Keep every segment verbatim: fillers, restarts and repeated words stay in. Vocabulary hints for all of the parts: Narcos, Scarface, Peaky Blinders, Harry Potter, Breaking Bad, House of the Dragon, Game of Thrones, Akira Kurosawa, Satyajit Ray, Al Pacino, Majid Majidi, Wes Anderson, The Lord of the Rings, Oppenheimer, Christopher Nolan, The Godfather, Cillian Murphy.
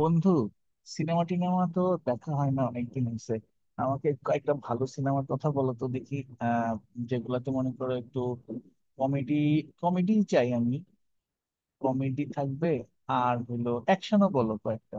বন্ধু, সিনেমা টিনেমা তো দেখা হয় না, অনেকদিন হয়েছে। আমাকে কয়েকটা ভালো সিনেমার কথা বলো তো দেখি। আহ যেগুলাতে মনে করো একটু কমেডি, কমেডি চাই আমি, কমেডি থাকবে, আর হলো অ্যাকশনও বলো কয়েকটা।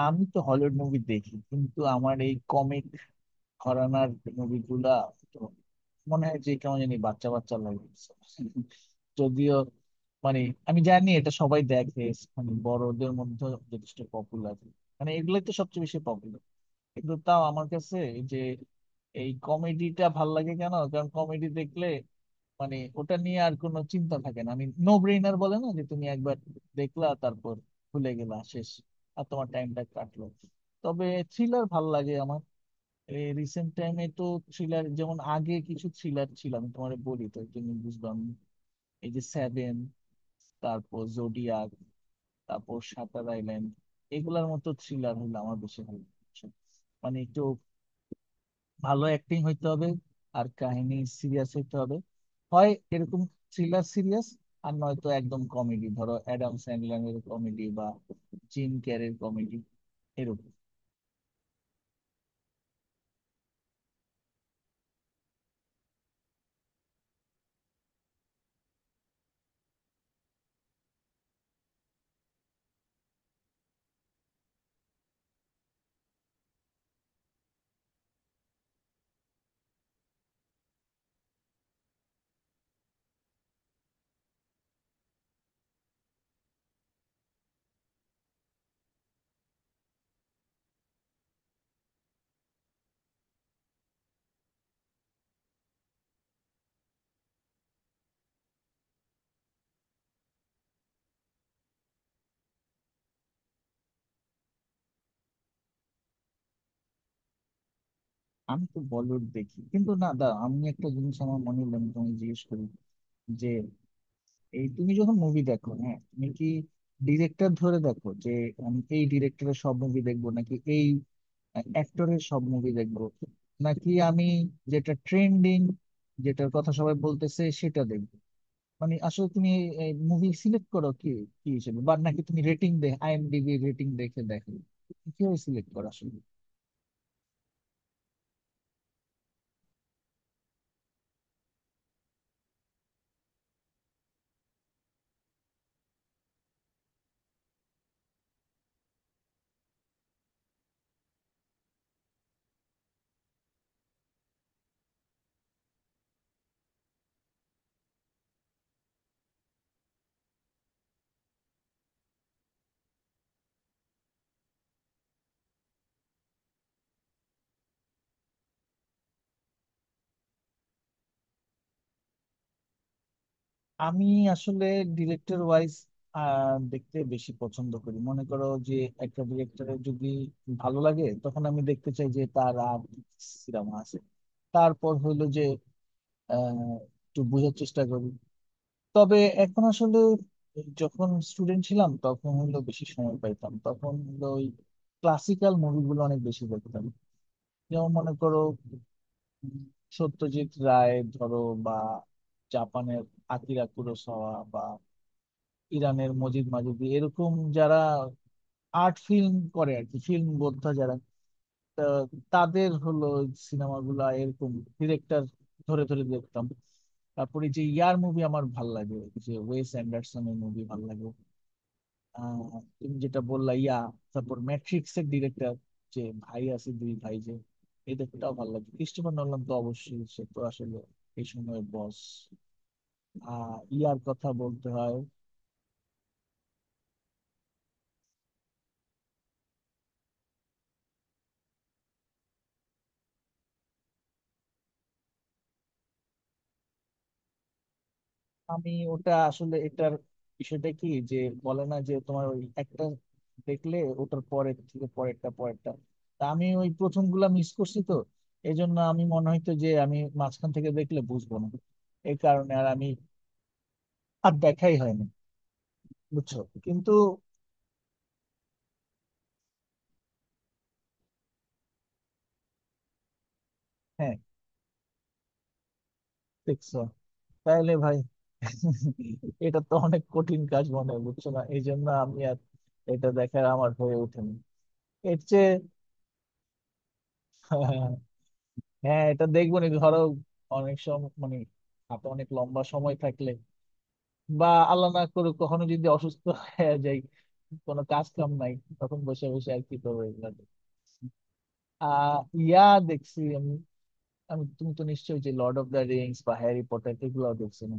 আমি তো হলিউড মুভি দেখি, কিন্তু আমার এই ঘরানার মুভি গুলা তো মনে হয় যে কেমন জানি বাচ্চা বাচ্চা লাগে। যদিও মানে আমি জানি এটা সবাই দেখে, মানে বড়দের মধ্যে যথেষ্ট পপুলার, মানে এগুলোই তো সবচেয়ে বেশি পপুলার। কিন্তু তাও আমার কাছে এই যে এই কমেডিটা ভাল লাগে কেন? কারণ কমেডি দেখলে মানে ওটা নিয়ে আর কোনো চিন্তা থাকে না, আমি নো ব্রেইনার বলে না যে তুমি একবার দেখলা তারপর ভুলে গেলা, শেষ, আর তোমার টাইমটা কাটলো। তবে থ্রিলার ভাল লাগে আমার রিসেন্ট টাইমে তো। থ্রিলার যেমন আগে কিছু থ্রিলার ছিল, আমি তোমার বলি তো তুমি বুঝলাম, এই যে সেভেন, তারপর জোডিয়াক, তারপর শাটার আইল্যান্ড, এগুলার মতো থ্রিলার হইলে আমার বেশি ভালো লাগছে। মানে একটু ভালো অ্যাক্টিং হইতে হবে, আর কাহিনী সিরিয়াস হইতে হবে, হয় এরকম থ্রিলার সিরিয়াস, আর নয়তো একদম কমেডি, ধরো অ্যাডাম স্যান্ডলারের কমেডি বা জিম ক্যারির কমেডি, এরকম। আমি তো বলিউড দেখি, কিন্তু না দা, আমি একটা জিনিস আমার মনে হলো, আমি তোমায় জিজ্ঞেস করি যে এই তুমি যখন মুভি দেখো, হ্যাঁ, তুমি কি ডিরেক্টর ধরে দেখো যে আমি এই ডিরেক্টরের সব মুভি দেখবো, নাকি এই অ্যাক্টরের সব মুভি দেখবো, নাকি আমি যেটা ট্রেন্ডিং, যেটার কথা সবাই বলতেছে সেটা দেখবো? মানে আসলে তুমি মুভি সিলেক্ট করো কি কি হিসেবে? বা নাকি তুমি রেটিং দেখ, আইএমডিবি রেটিং দেখে দেখো, কিভাবে সিলেক্ট করো আসলে? আমি আসলে ডিরেক্টর ওয়াইজ দেখতে বেশি পছন্দ করি। মনে করো যে একটা ডিরেক্টরের যদি ভালো লাগে, তখন আমি দেখতে চাই যে তার আর কি সিনেমা আছে। তারপর হইলো যে আহ, একটু বোঝার চেষ্টা করি। তবে এখন আসলে, যখন স্টুডেন্ট ছিলাম তখন হইলো বেশি সময় পাইতাম, তখন হইলো ওই ক্লাসিক্যাল মুভিগুলো অনেক বেশি দেখতাম। যেমন মনে করো, উম, সত্যজিৎ রায় ধরো, বা জাপানের আকিরা কুরোসাওয়া, ইরানের মজিদ মাজিদি, এরকম যারা আর্ট ফিল্ম করে আর কি, ফিল্ম বোদ্ধা যারা, তা তাদের হলো সিনেমাগুলা, এরকম ডিরেক্টর ধরে ধরে দেখতাম। তারপরে যে ইয়ার মুভি আমার ভাল লাগে, যে ওয়েস অ্যান্ডারসনের মুভি ভাল লাগে, আহ, তুমি যেটা বললা, ইয়া, তারপর ম্যাট্রিক্স এর ডিরেক্টর, যে ভাই আছে দুই ভাই, যে এদেরটাও ভালো লাগে। ক্রিস্টোফার নোলান তো অবশ্যই, সে তো আসলে এই সময়ের বস। আহ ইয়ার কথা বলতে হয়। আমি ওটা আসলে এটার বিষয়টা কি যে, বলে না যে তোমার ওই একটা দেখলে ওটার পরের থেকে পরেরটা পরেরটা, তা আমি ওই প্রথম গুলা মিস করছি তো, এই জন্য আমি মনে হইতো যে আমি মাঝখান থেকে দেখলে বুঝবো না, এই কারণে আর আমি আর দেখাই হয়নি, বুঝছো? কিন্তু হ্যাঁ, দেখছো? তাহলে ভাই এটা তো অনেক কঠিন কাজ মনে হয়, বুঝছো না, এই জন্য আমি আর এটা দেখার আমার হয়ে ওঠেনি। এর চেয়ে হ্যাঁ, এটা দেখবো নি, ধরো অনেক সময় মানে হাতে অনেক লম্বা সময় থাকলে, বা আল্লাহ না করুক কখনো যদি অসুস্থ হয়ে যাই, কোনো কাজ কাম নাই, তখন বসে বসে আর কি করবো, এগুলা দেখছি। আহ ইয়া, দেখছি আমি। আমি তুমি তো নিশ্চয়ই, যে লর্ড অফ দ্য রিংস বা হ্যারি পটার এগুলো দেখছি না।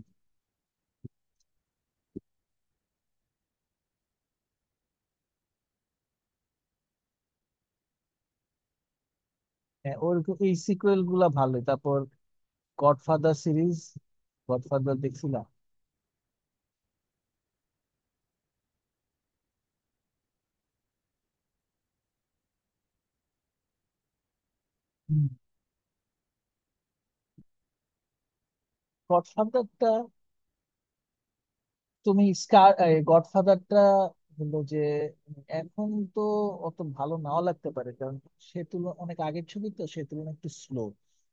হ্যাঁ, ওরকম এই সিকুয়েল গুলা ভালোই। তারপর গডফাদার সিরিজ, গডফাদার দেখছিলাম। গডফাদারটা, তুমি স্কার, গডফাদারটা হলো যে এখন তো অত ভালো নাও লাগতে পারে, কারণ সে তুলনা অনেক আগের ছবি তো, সে তুলনায় একটু স্লো।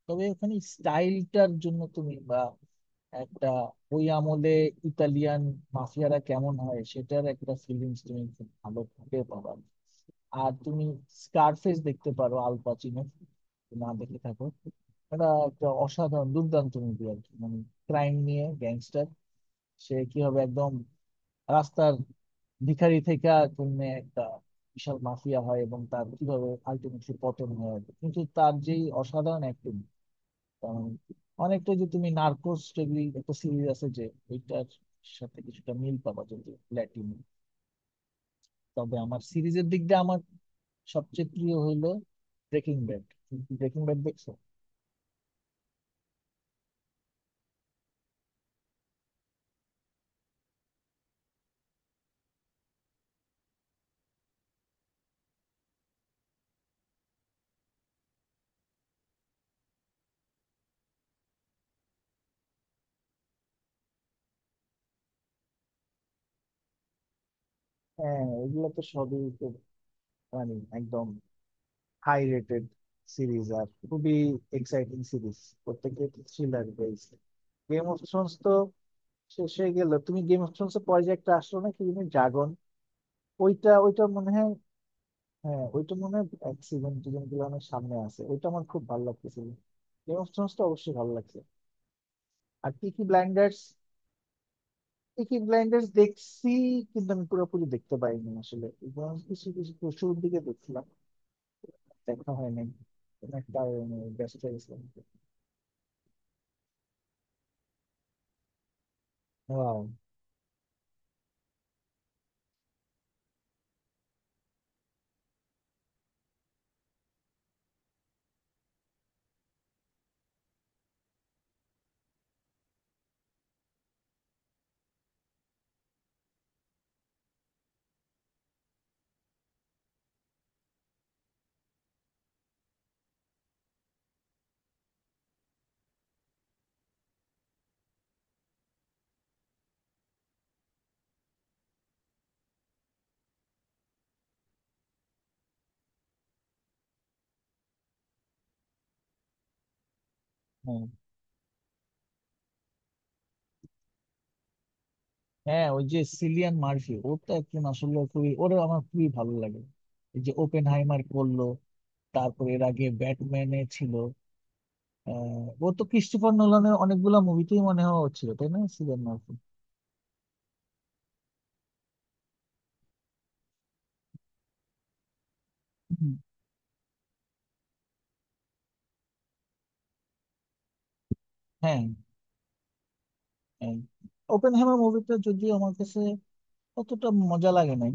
তবে ওখানে স্টাইলটার জন্য তুমি বা একটা ওই আমলে ইতালিয়ান মাফিয়ারা কেমন হয়, সেটার একটা ফিলিংস তুমি খুব ভালো ভাবে পাবা। আর তুমি স্কারফেস দেখতে পারো, আল পাচিনো, না দেখে থাকো, এটা একটা অসাধারণ দুর্দান্ত মুভি আর কি। মানে ক্রাইম নিয়ে গ্যাংস্টার, সে কি হবে একদম রাস্তার ভিখারি থেকে তুমি একটা বিশাল মাফিয়া হয়, এবং তার কিভাবে আলটিমেটলি পতন হয়, কিন্তু তার যেই অসাধারণ অ্যাক্টিং। অনেকটা যে তুমি নার্কোস, যেগুলি একটা সিরিজ আছে যে, ওইটার সাথে কিছুটা মিল পাবা, যদি ল্যাটিন। তবে আমার সিরিজের দিক দিয়ে আমার সবচেয়ে প্রিয় হইলো ব্রেকিং ব্যাড। ব্রেকিং ব্যাড দেখছো? হ্যাঁ, এগুলো তো সবই তো মানে একদম হাই রেটেড সিরিজ, আর খুবই এক্সাইটিং সিরিজ, প্রত্যেকটা thriller based. Game of thrones তো শেষ হয়ে গেল। তুমি গেম অফ থ্রোনস এর পরে যে একটা আসলো না, কি তুমি, ড্রাগন ওইটা ওইটা মনে হয়। হ্যাঁ, ওইটা মনে হয় এক সিজন দুজন গুলো অনেক সামনে আছে, ওইটা আমার খুব ভালো লাগতেছিল। গেম অফ থ্রোনস তো অবশ্যই ভালো লাগছে। আর পিকি ব্লাইন্ডার্স, পিকি ব্লাইন্ডার্স দেখছি কিন্তু আমি পুরোপুরি দেখতে পাইনি আসলে, এবং কিছু কিছু শুরুর দিকে দেখছিলাম, দেখা হয় নাই, কোনো একটা কারণে ব্যস্ত হয়ে গেছিলাম। Wow. হ্যাঁ, হ্যাঁ, ওই যে সিলিয়ান মার্ফি, ও তো একজন আসলে খুবই, ওরে আমার খুবই ভালো লাগে। এই যে ওপেন হাইমার করলো, তারপর এর আগে ব্যাটম্যানে ছিল, আহ, ও তো ক্রিস্টোফার নোলানের অনেকগুলা মুভিতেই মনে হয় ও ছিল, তাই না, সিলিয়ান মার্ফি? হুম, হ্যাঁ। ওপেন হ্যামার মুভিটা যদিও আমার কাছে অতটা মজা লাগে নাই।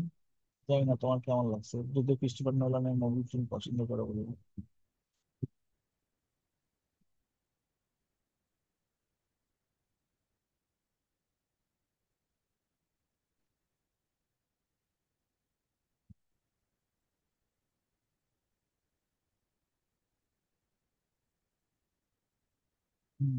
জানি না তোমার কেমন লাগছে, যদিও ক্রিস্টোফার নোলানের মুভি তুমি পছন্দ করো বলে। হুম,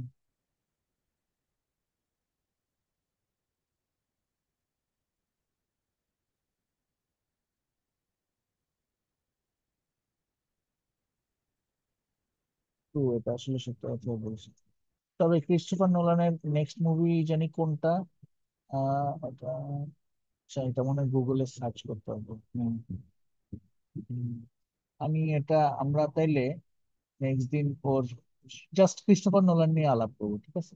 তো এটা আসলে সত্যি কথা বলছি। তবে ক্রিস্টোফার নোলানের নেক্সট মুভি জানি কোনটা? আহ আচ্ছা, এটা মনে হয় গুগলে সার্চ করতে হবে। হুম। হুম। আমি এটা, আমরা তাইলে নেক্সট দিন ওর জাস্ট ক্রিস্টোফার নোলান নিয়ে আলাপ করবো, ঠিক আছে?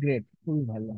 গ্রেট, খুবই ভালো।